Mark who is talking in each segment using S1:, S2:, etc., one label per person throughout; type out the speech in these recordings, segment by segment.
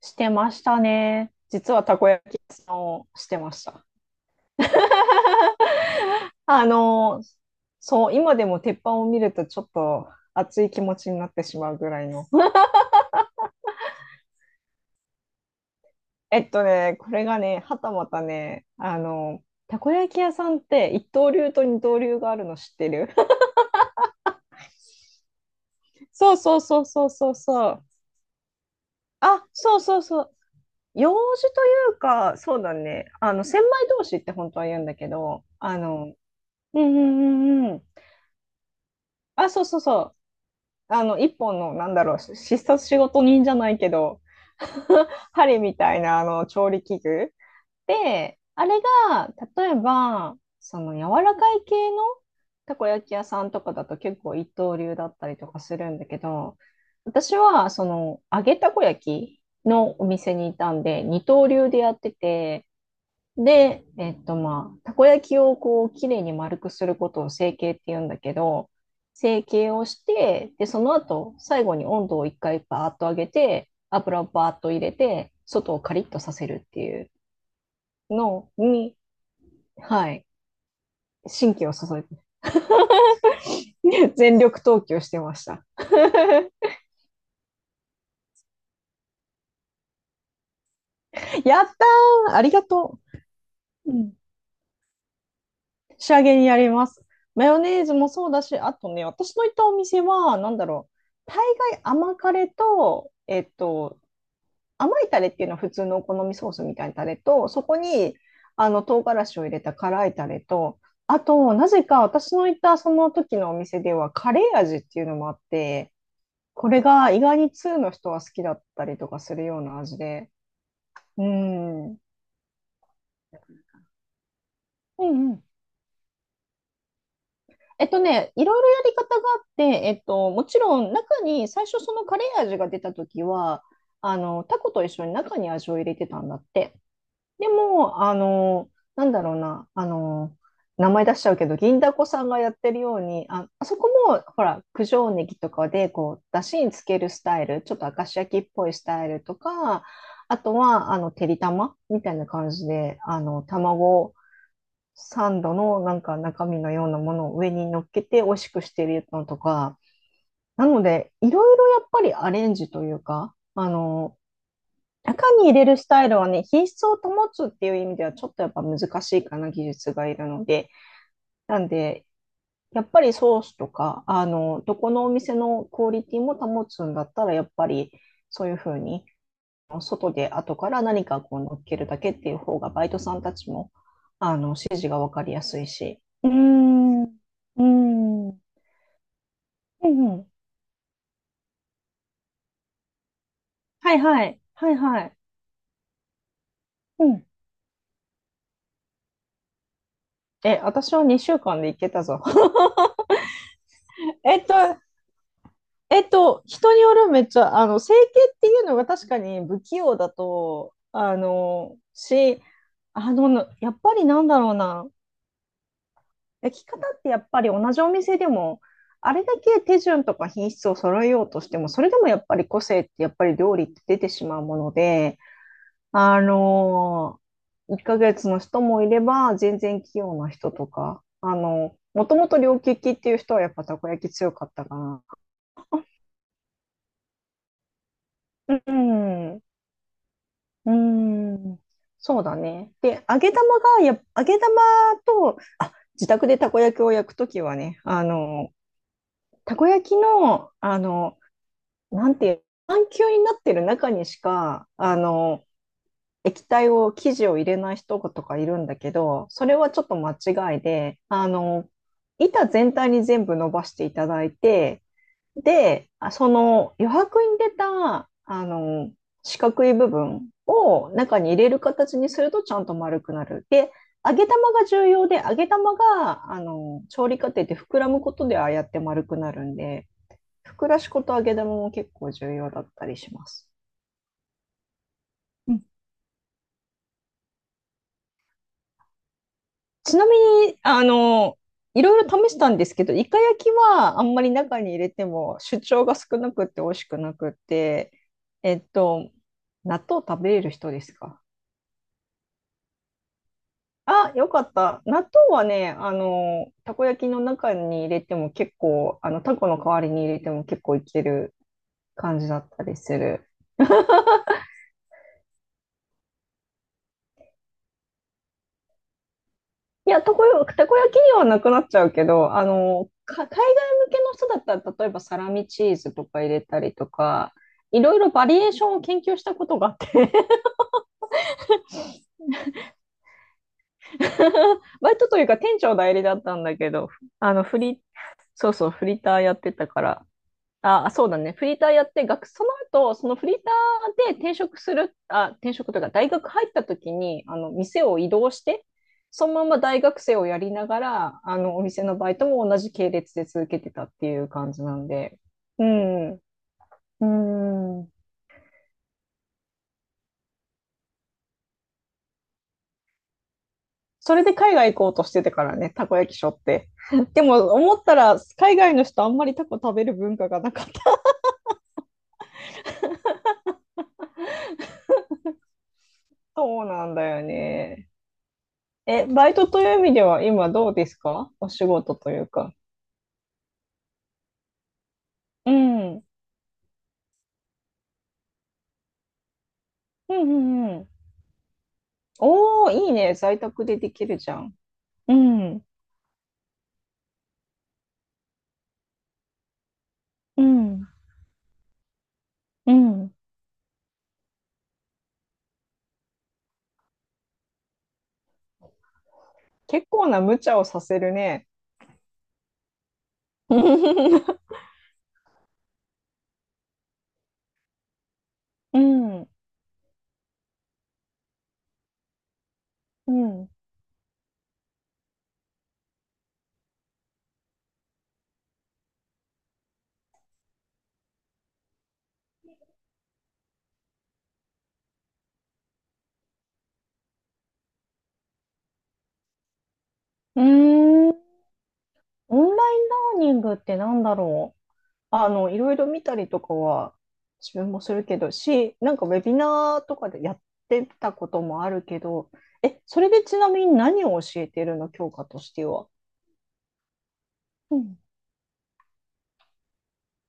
S1: してましたね。実はたこ焼き屋さんをしてました。あの、そう、今でも鉄板を見るとちょっと熱い気持ちになってしまうぐらいの。これがね、はたまたね、たこ焼き屋さんって一刀流と二刀流があるの知ってる？ そうそうそうそうそうそう。あ、そうそうそう。用事というか、そうだね。千枚通しって本当は言うんだけど、うんうんうん、あ、そうそうそう。一本の、なんだろう、必殺仕事人じゃないけど、針みたいな、調理器具。で、あれが、例えば、その、柔らかい系のたこ焼き屋さんとかだと結構一刀流だったりとかするんだけど、私は、その、揚げたこ焼きのお店にいたんで、二刀流でやってて、で、まあ、たこ焼きをこう、きれいに丸くすることを成形って言うんだけど、成形をして、で、その後、最後に温度を一回バーッと上げて、油をバーッと入れて、外をカリッとさせるっていうのに、はい、神経を注いで、全力投球してました。やったー、ありがとう。うん。仕上げにやります。マヨネーズもそうだし、あとね、私の行ったお店は、なんだろう、大概甘カレと、甘いタレっていうのは普通のお好みソースみたいなタレと、そこにあの唐辛子を入れた辛いタレと、あと、なぜか私の行ったその時のお店ではカレー味っていうのもあって、これが意外に通の人は好きだったりとかするような味で。うん。うんうん。いろいろやり方があって、もちろん中に最初そのカレー味が出た時は、タコと一緒に中に味を入れてたんだって。でも、なんだろうな、名前出しちゃうけど、銀だこさんがやってるように、あ、あそこも、ほら、九条ネギとかで、こう、だしにつけるスタイル、ちょっと明石焼きっぽいスタイルとか、あとは、てりたまみたいな感じで、卵サンドのなんか中身のようなものを上に乗っけて美味しくしてるのとか、なので、いろいろやっぱりアレンジというか、中に入れるスタイルはね、品質を保つっていう意味ではちょっとやっぱ難しいかな、技術がいるので。なんで、やっぱりソースとか、どこのお店のクオリティも保つんだったら、やっぱりそういうふうに、外で後から何かこう乗っけるだけっていう方が、バイトさんたちも、指示がわかりやすいし。うーん、うーん、うんうん、はいはい、はいはい。うん。え、私は2週間で行けたぞ。えっと、人によるめっちゃ、整形っていうのが確かに不器用だと、あの、し、あの、やっぱりなんだろうな、焼き方ってやっぱり同じお店でも、あれだけ手順とか品質を揃えようとしても、それでもやっぱり個性ってやっぱり料理って出てしまうもので、あの、1ヶ月の人もいれば、全然器用な人とか、もともと両利きっていう人はやっぱたこ焼き強かったかな。うん。うーん、そうだね。で、揚げ玉と、あ、自宅でたこ焼きを焼くときはね、たこ焼きの、なんていう、半球になってる中にしか、液体を、生地を入れない人とかいるんだけど、それはちょっと間違いで、板全体に全部伸ばしていただいて、で、あその余白に出た、四角い部分を中に入れる形にするとちゃんと丸くなる。で、揚げ玉が重要で、揚げ玉が、調理過程で膨らむことでああやって丸くなるんで、膨らし粉と揚げ玉も結構重要だったりします。うん、ちなみに、いろいろ試したんですけど、イカ焼きはあんまり中に入れても主張が少なくって美味しくなくって、えっと、納豆食べれる人ですか？あ、よかった。納豆はね、たこ焼きの中に入れても結構、タコの代わりに入れても結構いける感じだったりする。いや、たこ焼きにはなくなっちゃうけど、海外向けの人だったら、例えばサラミチーズとか入れたりとか、いろいろバリエーションを研究したことがあって バイトというか店長代理だったんだけど、あの、フリ、そうそう、フリーターやってたから、あ、そうだね。フリーターやって、その後、そのフリーターで転職する、あ、転職というか、大学入った時に、店を移動して、そのまま大学生をやりながら、お店のバイトも同じ系列で続けてたっていう感じなんで。うん。うん。それで海外行こうとしててからね、たこ焼きしょって。でも、思ったら、海外の人あんまりタコ食べる文化がなかった。そうなんだよね。え、バイトという意味では今どうですか？お仕事というか。うん。うんうんうん。おー、いいね。在宅でできるじゃん。うん。うん。うん。結構な無茶をさせるね。うん。うん。うーん。オンラインラーニングってなんだろう。いろいろ見たりとかは自分もするけど、なんかウェビナーとかでやってたこともあるけど、え、それでちなみに何を教えてるの？教科としては。うん。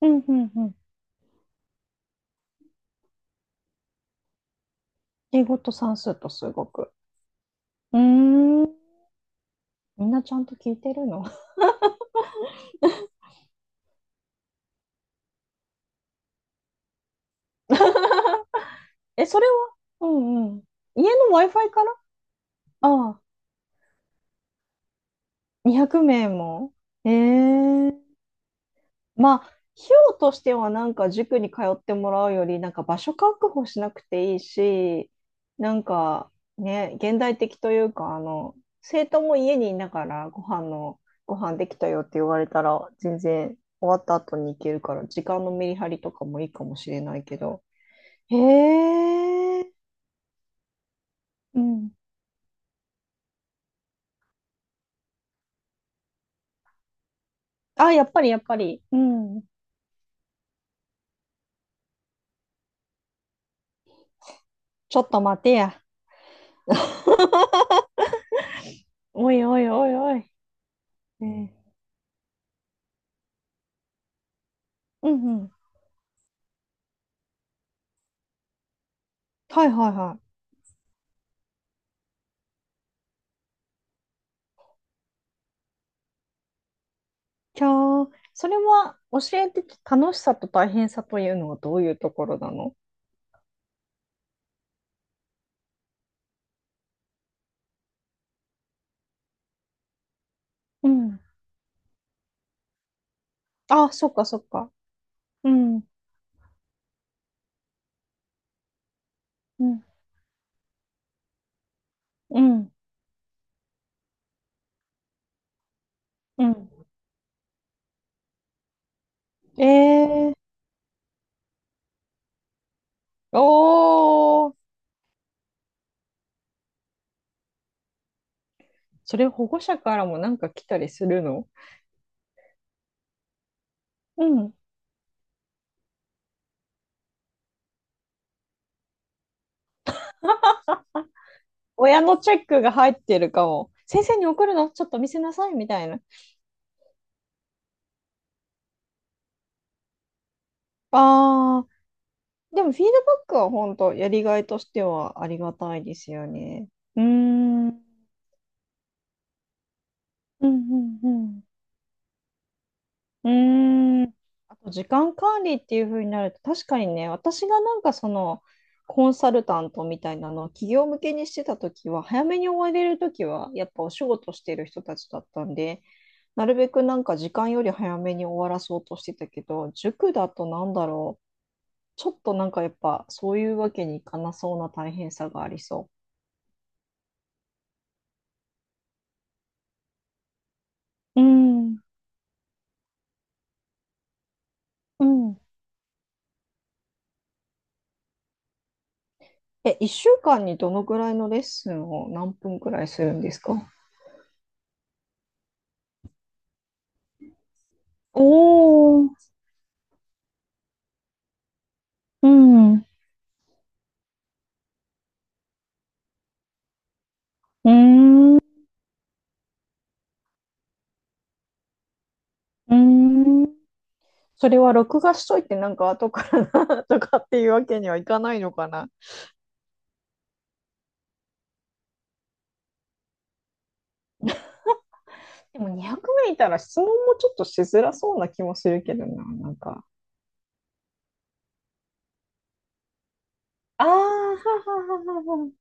S1: うん、うん、うん。英語と算数と数学。うーん。みんなちゃんと聞いてるの？ え、それは？うんうん。家の Wi-Fi から？ああ、200名も？ええ、まあ、費用としてはなんか塾に通ってもらうより、なんか場所確保しなくていいし、なんかね、現代的というか、生徒も家にいながらご飯の、ご飯できたよって言われたら、全然終わった後に行けるから、時間のメリハリとかもいいかもしれないけど。へえ、うん。あ、やっぱりやっぱり。うん。ちょっと待てや。おいおいおいおい。ねえ、うんうん。はいはいはい。じゃあ、それは教えて楽しさと大変さというのはどういうところなの？うん。あ、そっかそっか。うん。うん。うん。うん。えー。おー。それ保護者からもなんか来たりするの？うん。親のチェックが入ってるかも。先生に送るのちょっと見せなさいみたいな。あ、でもフィードバックは本当やりがいとしてはありがたいですよね。うーん。うんうんうん。うーん。あと時間管理っていう風になると確かにね、私がなんかそのコンサルタントみたいなのを企業向けにしてた時は早めに終われる時はやっぱお仕事してる人たちだったんで、なるべくなんか時間より早めに終わらそうとしてたけど、塾だとなんだろう。ちょっとなんかやっぱそういうわけにいかなそうな大変さがありそう。うんうん。え、1週間にどのぐらいのレッスンを何分くらいするんですか？おー、うん、うーん、うーん。それは録画しといてなんか後からな とかっていうわけにはいかないのかな。でも200名いたら質問もちょっとしづらそうな気もするけどな、なんか。ああははははは。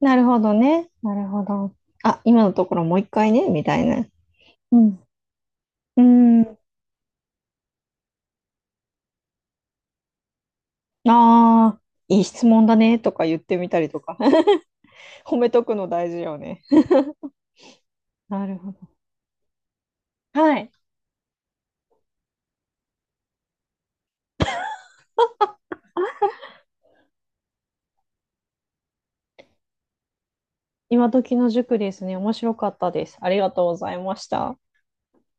S1: なるほどね。なるほど。あ、今のところもう一回ね、みたいな。うん。うん。ああ、いい質問だねとか言ってみたりとか。褒めとくの大事よね。なるほど。はい。今時の塾ですね。面白かったです。ありがとうございました。